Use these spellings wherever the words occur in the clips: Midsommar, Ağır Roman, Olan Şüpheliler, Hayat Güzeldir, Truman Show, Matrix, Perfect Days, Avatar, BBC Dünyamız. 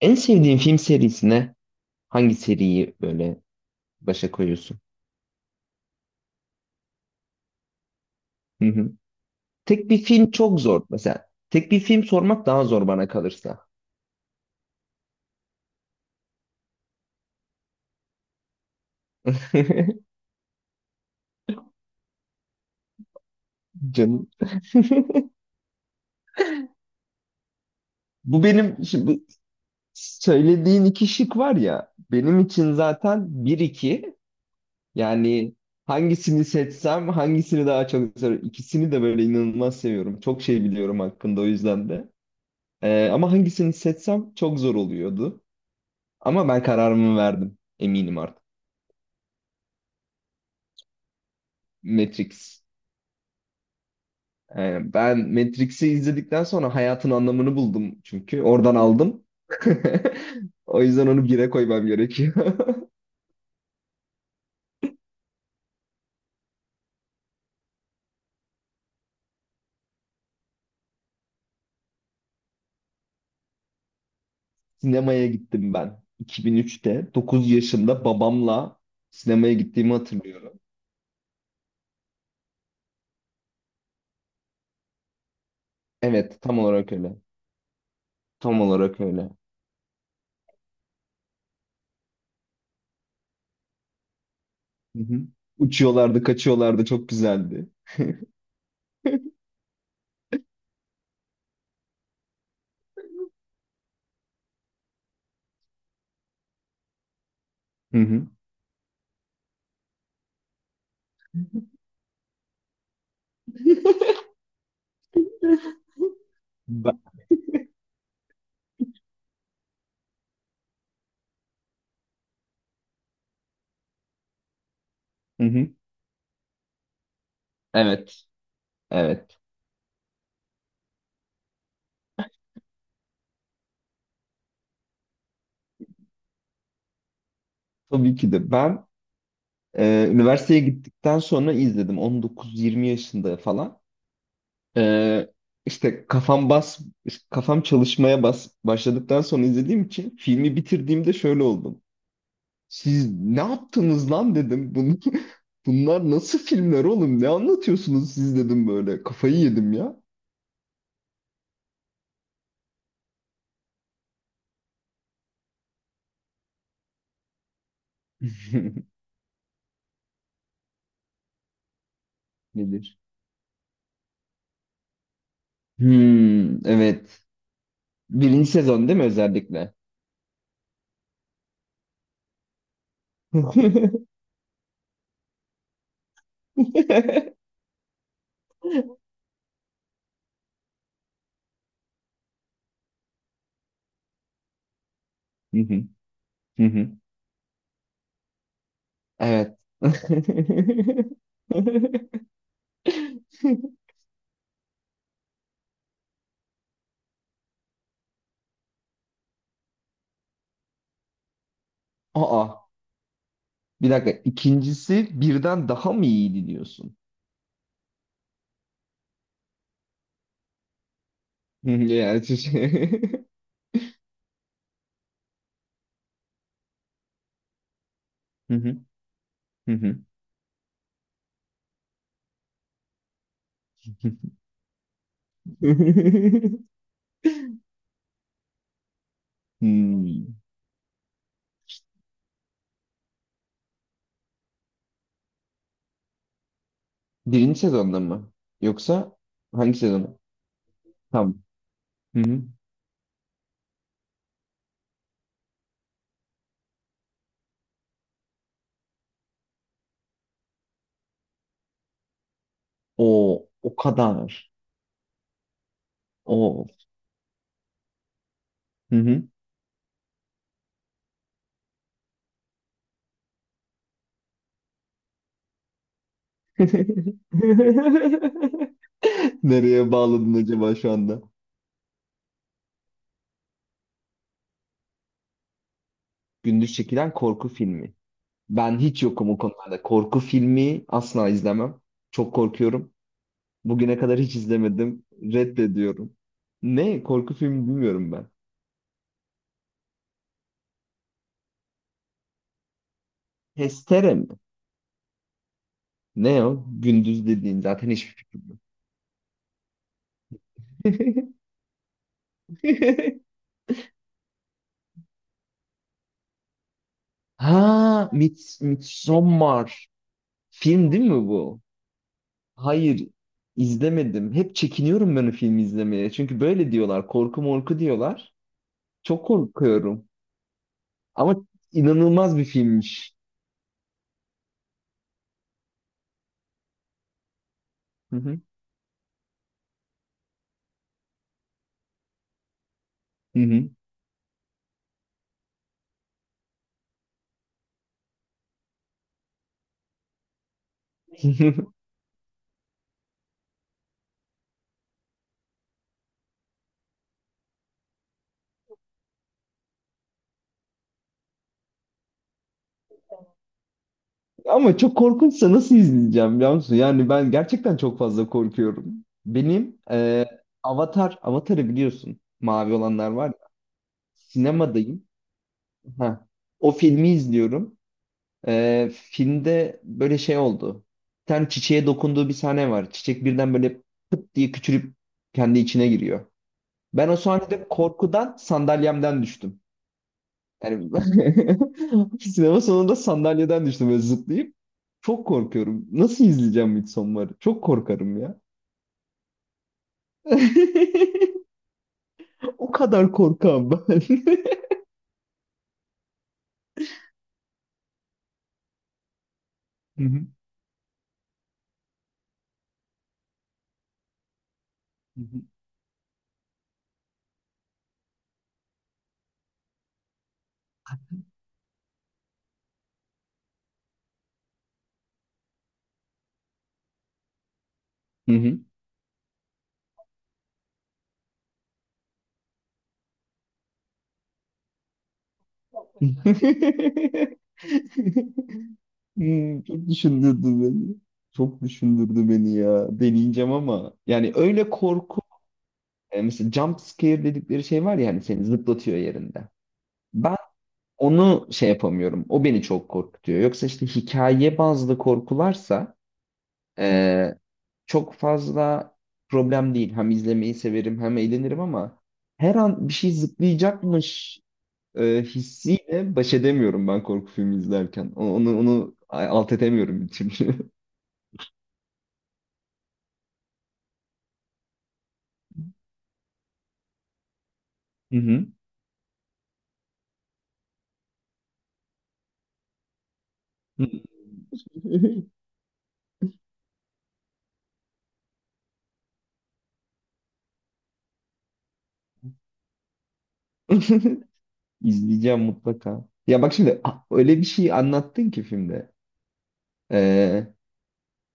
En sevdiğin film serisine hangi seriyi böyle başa koyuyorsun? Hı hı. Tek bir film çok zor. Mesela tek bir film sormak daha zor bana kalırsa. Canım. Bu benim şimdi bu söylediğin iki şık var ya benim için zaten bir iki yani hangisini seçsem hangisini daha çok seviyorum. İkisini de böyle inanılmaz seviyorum. Çok şey biliyorum hakkında o yüzden de. Ama hangisini seçsem çok zor oluyordu. Ama ben kararımı verdim. Eminim artık. Matrix. Yani ben Matrix'i izledikten sonra hayatın anlamını buldum çünkü. Oradan aldım. O yüzden onu bire koymam gerekiyor. Sinemaya gittim ben. 2003'te 9 yaşımda babamla sinemaya gittiğimi hatırlıyorum. Evet, tam olarak öyle. Tam olarak öyle. Hı hı. Uçuyorlardı, kaçıyorlardı. Çok güzeldi. Hı hı. Ben- Hı hı. Evet, evet. Tabii ki de ben üniversiteye gittikten sonra izledim. 19-20 yaşında falan. Ee, işte kafam çalışmaya başladıktan sonra izlediğim için filmi bitirdiğimde şöyle oldum. Siz ne yaptınız lan dedim. Bunu, bunlar nasıl filmler oğlum? Ne anlatıyorsunuz siz dedim böyle. Kafayı yedim ya. Nedir? Hmm, evet. Birinci sezon değil mi özellikle? Hı hı, hı hı. Evet. Aa, bir dakika. İkincisi birden daha mı iyiydi diyorsun? Yani şey- Hı hı. Hı hı. Hmm. Birinci sezonda mı? Yoksa hangi sezon? Tamam. Hı hı. O o kadar. O. Hı hı. Nereye bağladın acaba şu anda? Gündüz çekilen korku filmi. Ben hiç yokum o konularda. Korku filmi asla izlemem. Çok korkuyorum. Bugüne kadar hiç izlemedim. Reddediyorum. Ne? Korku filmi bilmiyorum ben. Testere mi? Ne o? Gündüz dediğin zaten hiçbir fikrim yok. Ha, Midsommar. Film değil mi bu? Hayır, izlemedim. Hep çekiniyorum ben o filmi izlemeye. Çünkü böyle diyorlar, korku morku diyorlar. Çok korkuyorum. Ama inanılmaz bir filmmiş. Hı hı. Hı hı. Ama çok korkunçsa nasıl izleyeceğim biliyor musun? Yani ben gerçekten çok fazla korkuyorum. Avatar, Avatar'ı biliyorsun. Mavi olanlar var ya. Sinemadayım. Ha. O filmi izliyorum. Filmde böyle şey oldu. Bir tane çiçeğe dokunduğu bir sahne var. Çiçek birden böyle pıt diye küçülüp kendi içine giriyor. Ben o sahnede korkudan sandalyemden düştüm. Yani sinema sonunda sandalyeden düştüm böyle zıplayıp. Çok korkuyorum. Nasıl izleyeceğim Midsommar'ı? Çok korkarım ya. O kadar korkam ben. Hı hı. Hı hı. Hmm, çok düşündürdü beni. Çok düşündürdü beni ya. Deneyeceğim ama. Yani öyle korku. Mesela jump scare dedikleri şey var ya hani seni zıplatıyor yerinde. Ben Onu şey yapamıyorum. O beni çok korkutuyor. Yoksa işte hikaye bazlı korkularsa eee, çok fazla problem değil. Hem izlemeyi severim hem eğlenirim ama her an bir şey zıplayacakmış hissiyle baş edemiyorum ben korku filmi izlerken. Onu alt edemiyorum bir türlü. Hı hı. İzleyeceğim mutlaka. Ya bak şimdi öyle bir şey anlattın ki filmde.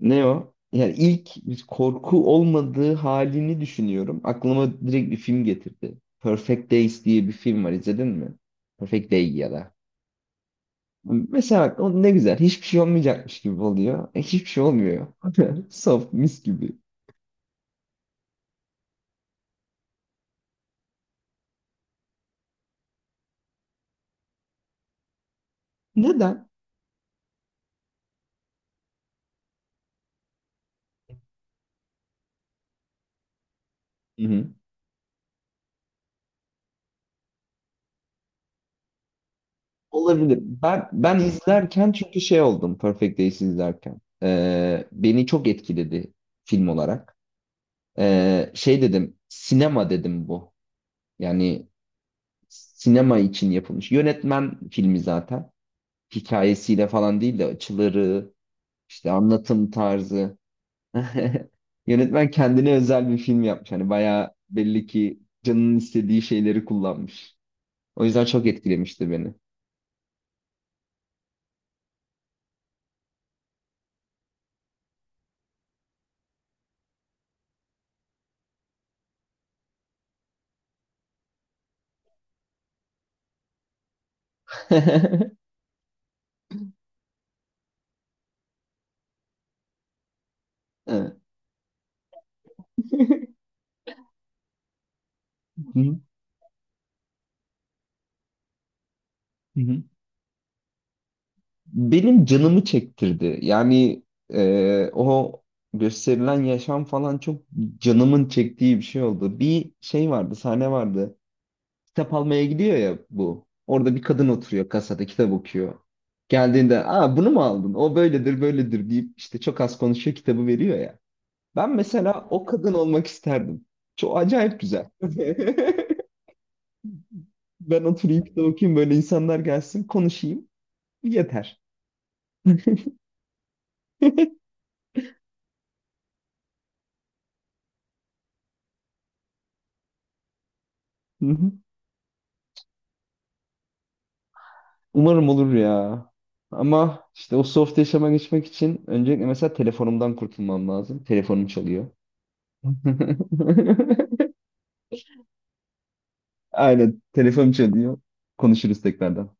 Ne o? Yani ilk bir korku olmadığı halini düşünüyorum. Aklıma direkt bir film getirdi. Perfect Days diye bir film var. İzledin mi? Perfect Day ya da. Mesela aklıma ne güzel. Hiçbir şey olmayacakmış gibi oluyor. E, hiçbir şey olmuyor. Soft mis gibi. Neden? Hı hı. Olabilir. Ben izlerken çünkü şey oldum Perfect Days izlerken. Beni çok etkiledi film olarak. Şey dedim, sinema dedim bu. Yani sinema için yapılmış. Yönetmen filmi zaten. Hikayesiyle falan değil de açıları, işte anlatım tarzı. Yönetmen kendine özel bir film yapmış. Hani bayağı belli ki canının istediği şeyleri kullanmış. O yüzden çok etkilemişti beni. Evet. Hı hı. Benim canımı çektirdi. Yani o gösterilen yaşam falan çok canımın çektiği bir şey oldu. Bir şey vardı, sahne vardı. Kitap almaya gidiyor ya bu. Orada bir kadın oturuyor kasada kitap okuyor. Geldiğinde aa, bunu mu aldın? O böyledir böyledir deyip işte çok az konuşuyor kitabı veriyor ya. Ben mesela o kadın olmak isterdim. Çok acayip güzel. Ben oturayım kitap okuyayım böyle insanlar gelsin konuşayım. Yeter. Hı hı. Umarım olur ya. Ama işte o soft yaşama geçmek için öncelikle mesela telefonumdan kurtulmam lazım. Telefonum çalıyor. Aynen telefonum çalıyor. Konuşuruz tekrardan.